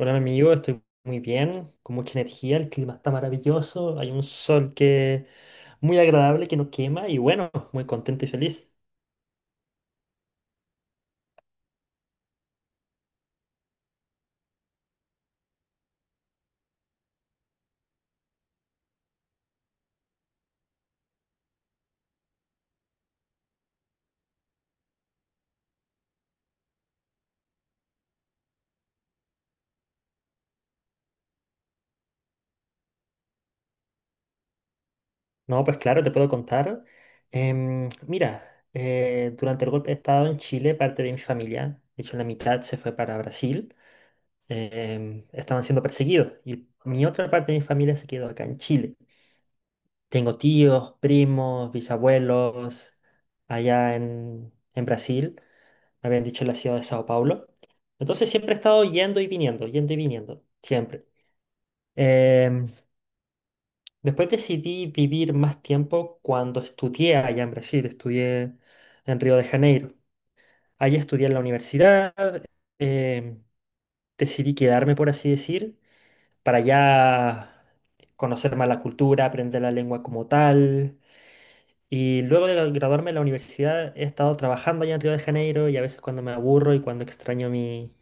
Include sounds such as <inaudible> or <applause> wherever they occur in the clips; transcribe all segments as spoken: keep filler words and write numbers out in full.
Hola, mi amigo, estoy muy bien, con mucha energía, el clima está maravilloso, hay un sol que muy agradable, que no quema y bueno, muy contento y feliz. No, pues claro, te puedo contar. Em, mira, eh, durante el golpe de estado en Chile, parte de mi familia, de hecho la mitad se fue para Brasil, em, estaban siendo perseguidos y mi otra parte de mi familia se quedó acá en Chile. Tengo tíos, primos, bisabuelos allá en, en Brasil. Me habían dicho en la ciudad de Sao Paulo. Entonces siempre he estado yendo y viniendo, yendo y viniendo, siempre. Em, Después decidí vivir más tiempo cuando estudié allá en Brasil, estudié en Río de Janeiro. Allí estudié en la universidad, em, decidí quedarme, por así decir, para ya conocer más la cultura, aprender la lengua como tal. Y luego de graduarme de la universidad he estado trabajando allá en Río de Janeiro y a veces cuando me aburro y cuando extraño mi,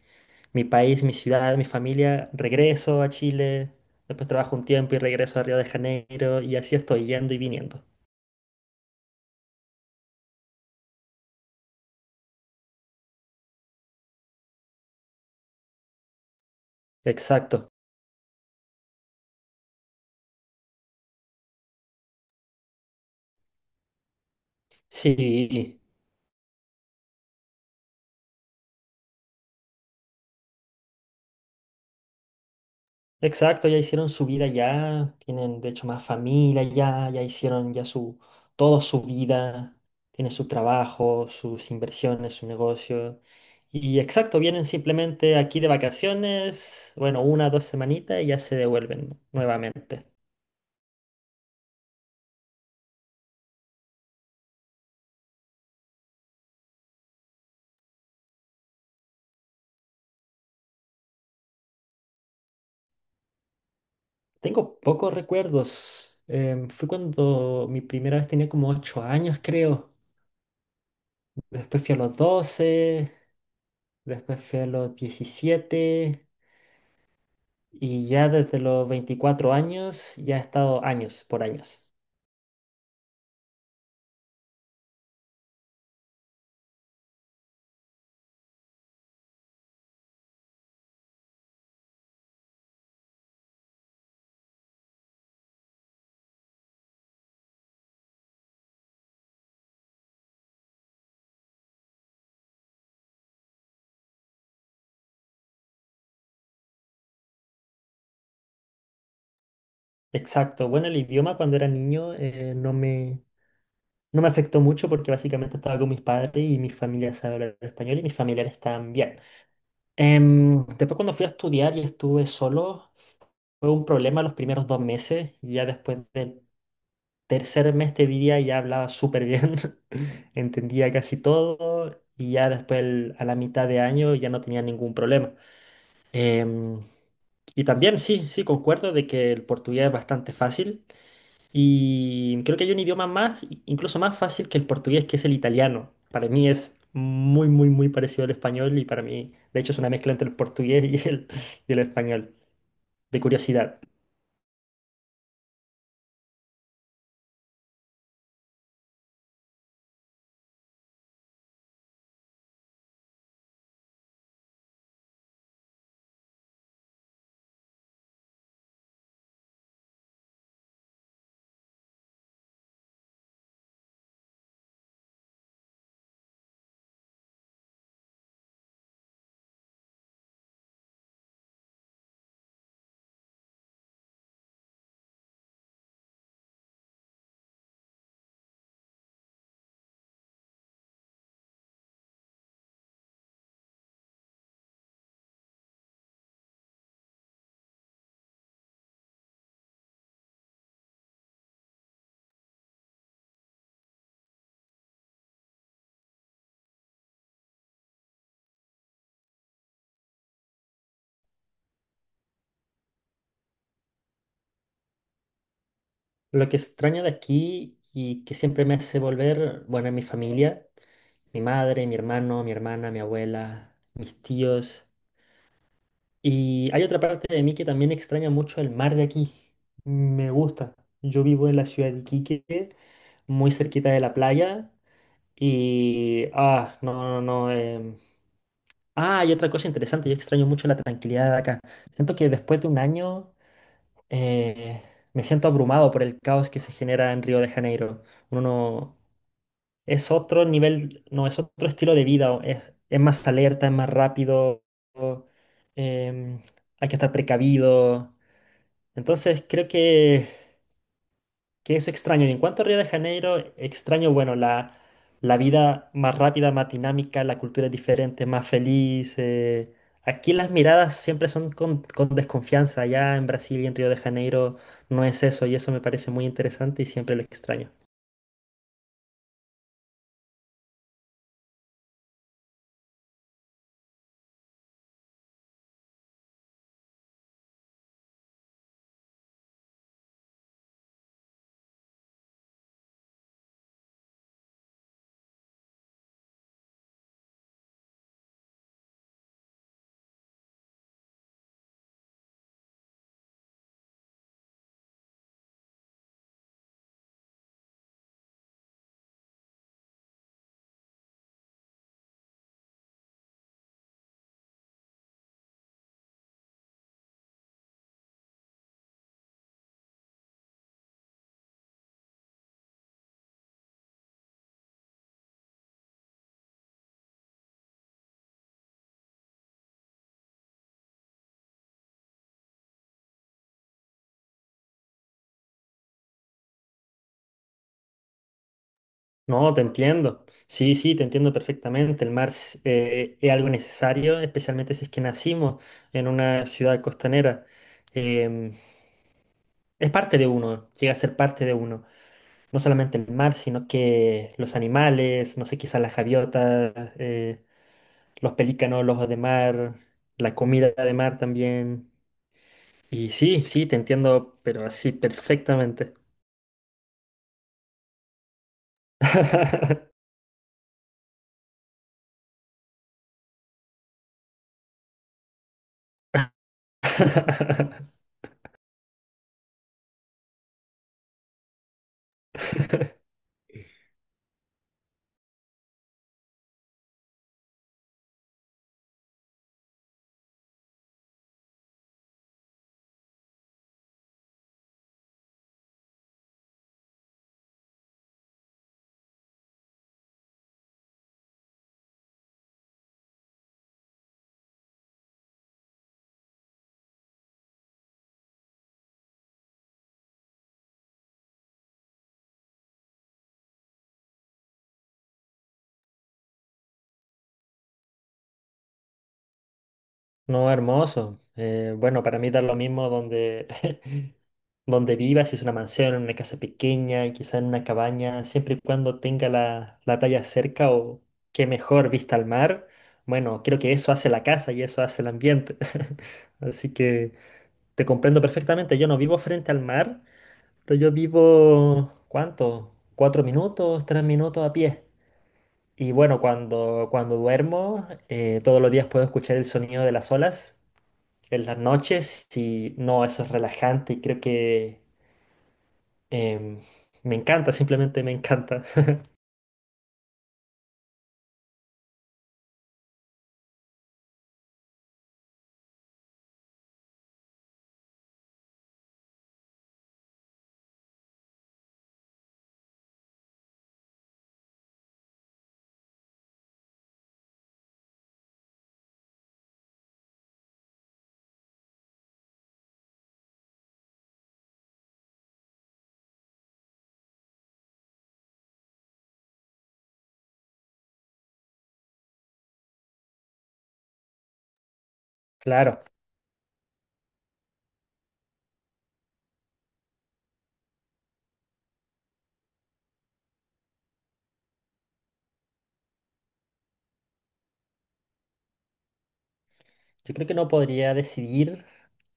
mi país, mi ciudad, mi familia, regreso a Chile, después trabajo un tiempo y regreso a Río de Janeiro y así estoy yendo y viniendo. Exacto. Sí, exacto, ya hicieron su vida ya, tienen de hecho más familia ya, ya hicieron ya su, todo su vida, tienen su trabajo, sus inversiones, su negocio. Y exacto, vienen simplemente aquí de vacaciones, bueno, una dos semanitas y ya se devuelven nuevamente. Tengo pocos recuerdos. Em, fue cuando mi primera vez tenía como ocho años, creo. Después fui a los doce, después fui a los diecisiete. Y ya desde los veinticuatro años, ya he estado años por años. Exacto. Bueno, el idioma cuando era niño eh, no me, no me afectó mucho porque básicamente estaba con mis padres y mi familia sabe hablar español y mis familiares también. Em, después cuando fui a estudiar y estuve solo, fue un problema los primeros dos meses. y Ya después del tercer mes, te diría, ya hablaba súper bien, <laughs> entendía casi todo y ya después el- a la mitad de año ya no tenía ningún problema. Em, Y también, sí, sí, concuerdo de que el portugués es bastante fácil y creo que hay un idioma más, i- incluso más fácil que el portugués, que es el italiano. Para mí es muy, muy, muy parecido al español y para mí, de hecho, es una mezcla entre el portugués y el, y el español, de curiosidad. Lo que extraño de aquí y que siempre me hace volver, bueno, es mi familia, mi madre, mi hermano, mi hermana, mi abuela, mis tíos. Y hay otra parte de mí que también extraña mucho el mar de aquí. Me gusta. Yo vivo en la ciudad de Iquique, muy cerquita de la playa. Y... Ah, no, no, no. em, Ah, y otra cosa interesante, yo extraño mucho la tranquilidad de acá. Siento que después de un año eh, me siento abrumado por el caos que se genera en Río de Janeiro. Uno no- Es otro nivel, no, es otro estilo de vida. O Es, es más alerta, es más rápido. o, em, Hay que estar precavido. Entonces creo que, que eso extraño. Y en cuanto a Río de Janeiro, extraño, bueno, la, la vida más rápida, más dinámica, la cultura es diferente, más feliz. eh. Aquí las miradas siempre son con, con desconfianza. Allá en Brasil y en Río de Janeiro no es eso y eso me parece muy interesante y siempre lo extraño. No, te entiendo. Sí, sí, te entiendo perfectamente. El mar es eh, es algo necesario, especialmente si es que nacimos en una ciudad costanera. Em, es parte de uno, llega a ser parte de uno. No solamente el mar, sino que los animales, no sé, quizás las gaviotas, eh, los pelícanos, los ojos de mar, la comida de mar también. Y sí, sí, te entiendo, pero así perfectamente. <laughs> No, hermoso. Eh, bueno, para mí da lo mismo donde, <laughs> donde viva, si es una mansión, en una casa pequeña, quizá en una cabaña, siempre y cuando tenga la, la playa cerca o qué mejor vista al mar, bueno, creo que eso hace la casa y eso hace el ambiente. <laughs> Así que te comprendo perfectamente. Yo no vivo frente al mar, pero yo vivo, ¿cuánto? Cuatro minutos, tres minutos a pie. Y bueno, cuando, cuando duermo, eh, todos los días puedo escuchar el sonido de las olas en las noches y no, eso es relajante y creo que Em, me encanta, simplemente me encanta. <laughs> Claro, yo creo que no podría decidir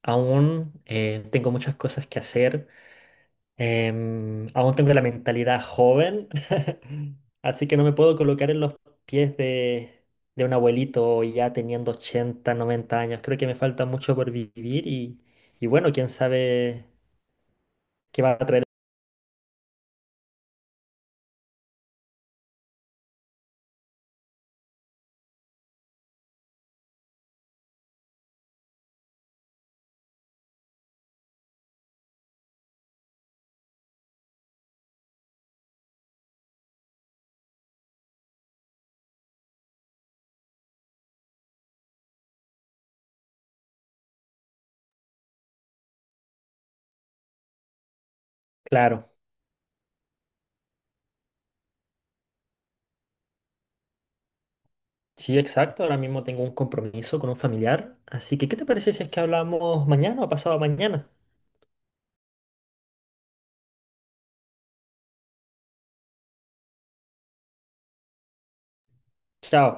aún. Eh, tengo muchas cosas que hacer. Em, aún tengo la mentalidad joven. <laughs> Así que no me puedo colocar en los pies de, de un abuelito ya teniendo ochenta, noventa años. Creo que me falta mucho por vivir y, y bueno, quién sabe qué va a traer. Claro, sí, exacto. Ahora mismo tengo un compromiso con un familiar. Así que, ¿qué te parece si es que hablamos mañana o pasado mañana? Chao.